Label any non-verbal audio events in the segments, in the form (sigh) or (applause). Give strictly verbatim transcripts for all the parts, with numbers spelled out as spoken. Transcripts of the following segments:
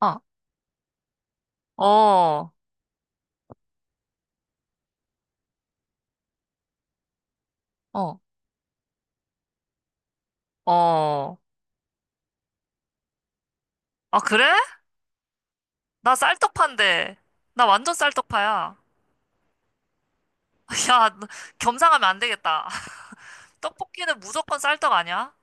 어, 어, 어. 어. 아, 그래? 나 쌀떡파인데. 나 완전 쌀떡파야. (laughs) 야, 너 겸상하면 안 되겠다. (laughs) 떡볶이는 무조건 쌀떡 아니야?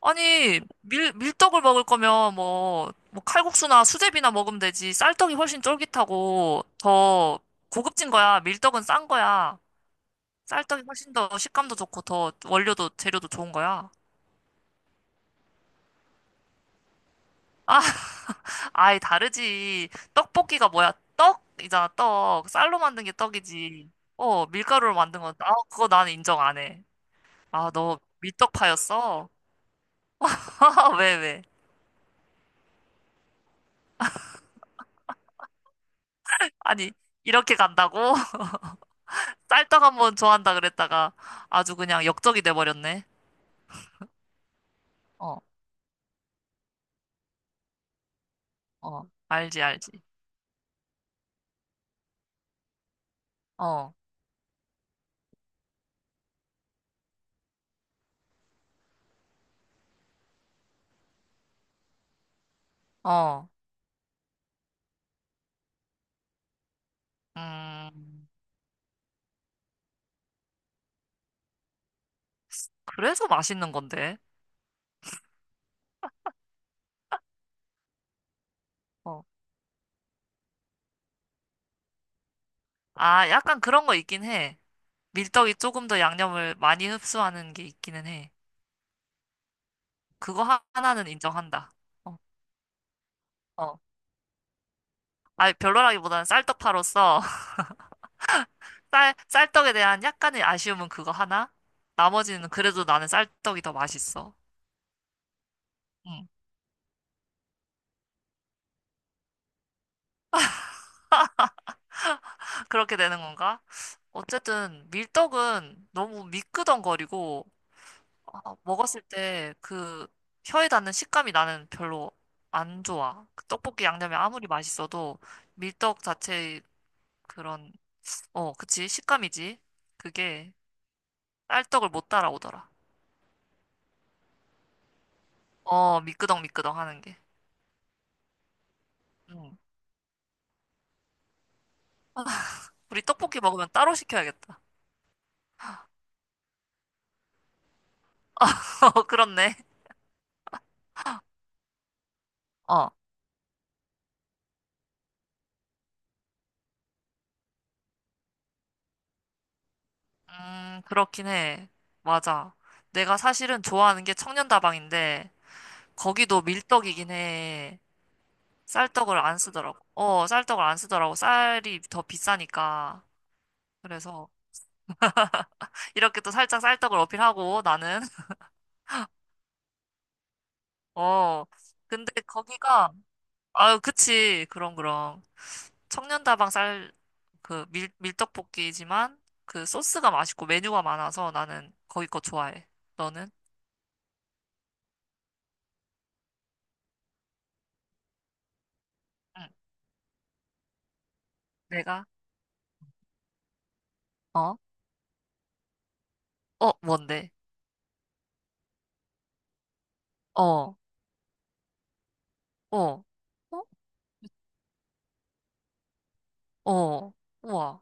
아니, 밀, 밀떡을 먹을 거면 뭐, 뭐 칼국수나 수제비나 먹으면 되지. 쌀떡이 훨씬 쫄깃하고 더 고급진 거야. 밀떡은 싼 거야. 쌀떡이 훨씬 더 식감도 좋고 더 원료도 재료도 좋은 거야. 아, 아예 다르지. 떡볶이가 뭐야? 떡이잖아, 떡. 쌀로 만든 게 떡이지. 어, 밀가루로 만든 건, 아, 그거 나는 인정 안 해. 아, 너 밀떡파였어? (laughs) 왜, 왜? 아니, 이렇게 간다고? (laughs) 쌀떡 한번 좋아한다 그랬다가 아주 그냥 역적이 돼버렸네. 어, 어, 알지, 알지. 어, 어, 음, 그래서 맛있는 건데. 어. 아, 약간 그런 거 있긴 해. 밀떡이 조금 더 양념을 많이 흡수하는 게 있기는 해. 그거 하- 하나는 인정한다. 어, 어. 아니, 별로라기보다는 쌀떡파로서 (laughs) 쌀, 쌀떡에 대한 약간의 아쉬움은 그거 하나? 나머지는 그래도 나는 쌀떡이 더 맛있어. 음, 그렇게 되는 건가? 어쨌든 밀떡은 너무 미끄덩거리고 아, 먹었을 때 그 혀에 닿는 식감이 나는 별로 안 좋아. 그 떡볶이 양념이 아무리 맛있어도 밀떡 자체의 그런 어, 그치 식감이지. 그게 쌀떡을 못 따라오더라. 어, 미끄덩 미끄덩 하는 게. 응. 우리 떡볶이 먹으면 따로 시켜야겠다. (laughs) 어, 그렇네. 어. 음, 그렇긴 해. 맞아. 내가 사실은 좋아하는 게 청년다방인데, 거기도 밀떡이긴 해. 쌀떡을 안 쓰더라고. 어, 쌀떡을 안 쓰더라고. 쌀이 더 비싸니까. 그래서, 이렇게 또 살짝 쌀떡을 어필하고, 나는. (laughs) 어. 근데 거기가, 아유, 그치. 그럼, 그럼. 청년다방 쌀, 그 밀, 밀떡볶이지만 그 소스가 맛있고 메뉴가 많아서 나는 거기 거 좋아해. 너는? 응. 내가? 어? 어, 뭔데? 어, 어, 어, 어, 우와,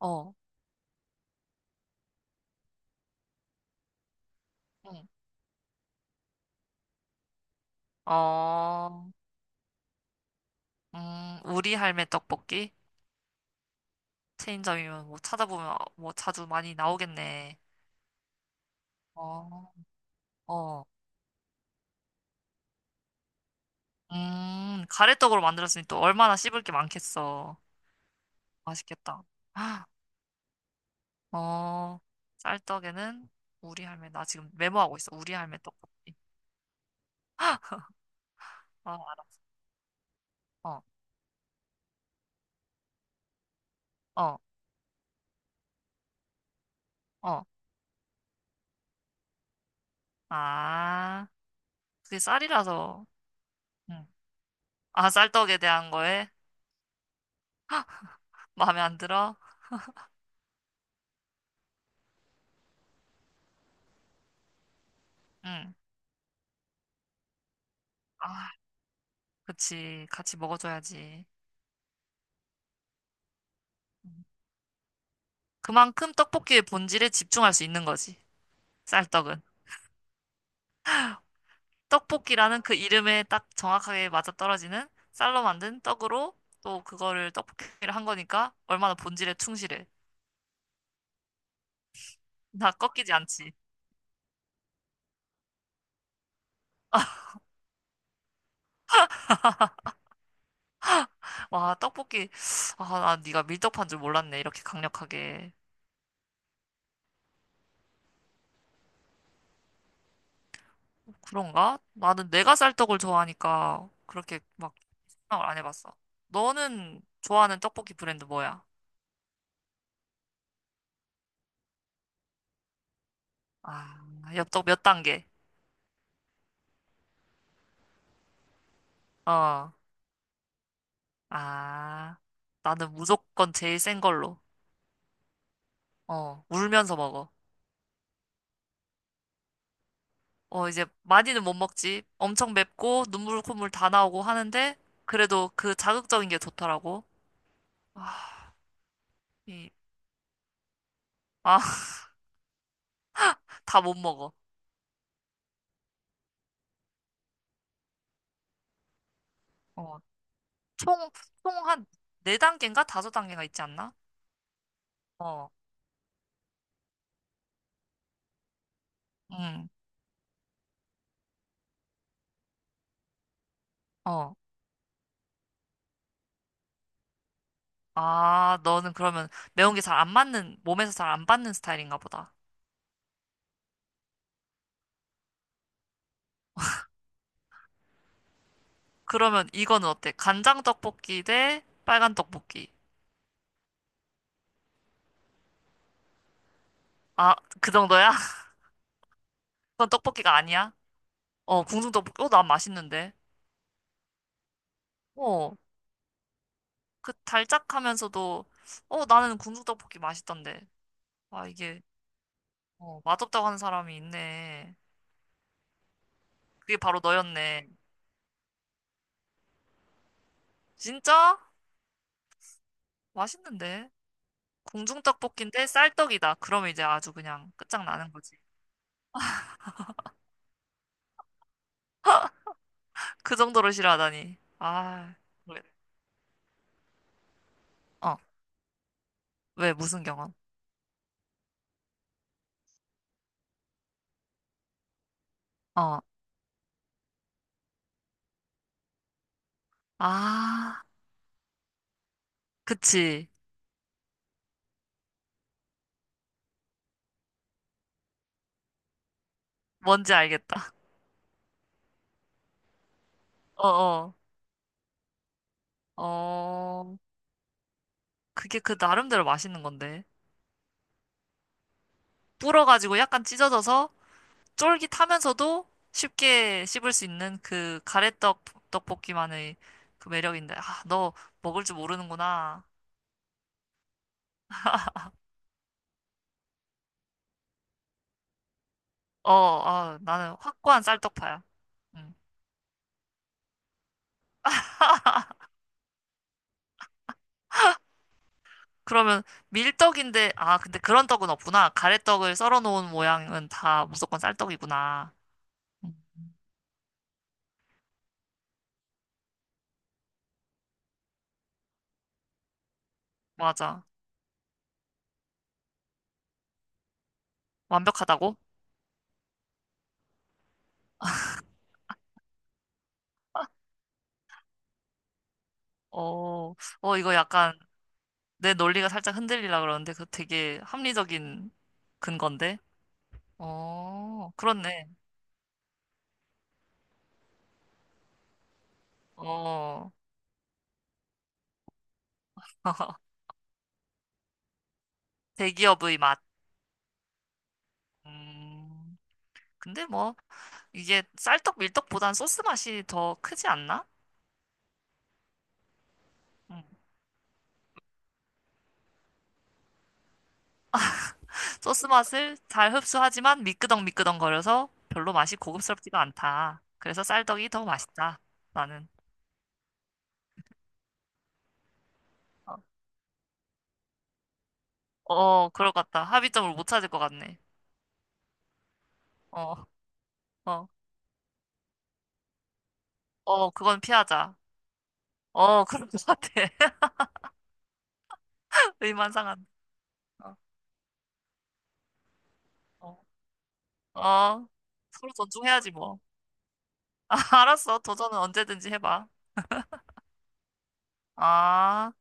어, 응. 어, 음, 우리 할매 떡볶이? 체인점이면 뭐 찾아보면 뭐 자주 많이 나오겠네. 어, 어, 음, 가래떡으로 만들었으니 또 얼마나 씹을 게 많겠어. 맛있겠다. 어, 쌀떡에는 우리 할매, 나 지금 메모하고 있어. 우리 할매 떡볶이. 어, 알아. 어, 어, 어. 아, 그게 쌀이라서. 응. 아, 쌀떡에 대한 거에 마음에 안 들어? 응. 아, 그치. 같이 먹어줘야지. 응. 그만큼 떡볶이의 본질에 집중할 수 있는 거지. 쌀떡은. 떡볶이라는 그 이름에 딱 정확하게 맞아떨어지는 쌀로 만든 떡으로 또 그거를 떡볶이를 한 거니까 얼마나 본질에 충실해. 나 꺾이지 않지. 와, 떡볶이. 아, 난 네가 밀떡파인 줄 몰랐네. 이렇게 강력하게. 그런가? 나는 내가 쌀 떡을 좋아하니까 그렇게 막 생각을 안 해봤어. 너는 좋아하는 떡볶이 브랜드 뭐야? 아, 엽떡 몇 단계? 어. 아, 나는 무조건 제일 센 걸로. 어, 울면서 먹어. 어, 이제 많이는 못 먹지. 엄청 맵고 눈물 콧물 다 나오고 하는데 그래도 그 자극적인 게 좋더라고. 아, 이, 아, (laughs) 다 못 먹어. 어. 총, 총 한 네단계인가 다섯 단계가 있지 않나? 어, 응 어. 아, 너는 그러면 매운 게 잘 안 맞는, 몸에서 잘 안 받는 스타일인가 보다. 그러면 이거는 어때? 간장 떡볶이 대 빨간 떡볶이. 아, 그 정도야? (laughs) 그건 떡볶이가 아니야? 어, 궁중 떡볶이. 어, 난 맛있는데. 어, 그 달짝하면서도, 어, 나는 궁중 떡볶이 맛있던데. 아, 이게, 어, 맛없다고 하는 사람이 있네. 그게 바로 너였네. 진짜? 맛있는데. 공중떡볶이인데 쌀떡이다. 그러면 이제 아주 그냥 끝장나는 거지. 그 정도로 싫어하다니. 아, 모르겠- 어, 왜, 무슨 경험? 어, 아, 그치. 뭔지 알겠다. 어, 어, 어, 그게 그 나름대로 맛있는 건데. 불어가지고 약간 찢어져서 쫄깃하면서도 쉽게 씹을 수 있는 그 가래떡 떡볶이만의 그 매력인데. 아, 너 먹을 줄 모르는구나. 어, 어, 나는 확고한 쌀떡파야. 음. 그러면 밀떡인데, 아, 근데 그런 떡은 없구나. 가래떡을 썰어 놓은 모양은 다 무조건 쌀떡이구나. 음, 맞아. 완벽하다고? 어, 어, 이거 약간 내 논리가 살짝 흔들리라 그러는데, 그 되게 합리적인 근건데? 어, 그렇네. 어, (laughs) 대기업의 맛. 음, 근데 뭐, 이게 쌀떡 밀떡보단 소스 맛이 더 크지 않나? 음, 소스 맛을 잘 흡수하지만 미끄덩미끄덩거려서 별로 맛이 고급스럽지가 않다. 그래서 쌀떡이 더 맛있다. 나는. 어, 어, 그럴 것 같다. 합의점을 못 찾을 것 같네. 어, 어, 어, 그건 피하자. 어, (laughs) 그럴 것 같아. (laughs) 의만 상한. 어, 어, 어. 서로 존중해야지 뭐. (laughs) 알았어. 도전은 언제든지 해봐. 아.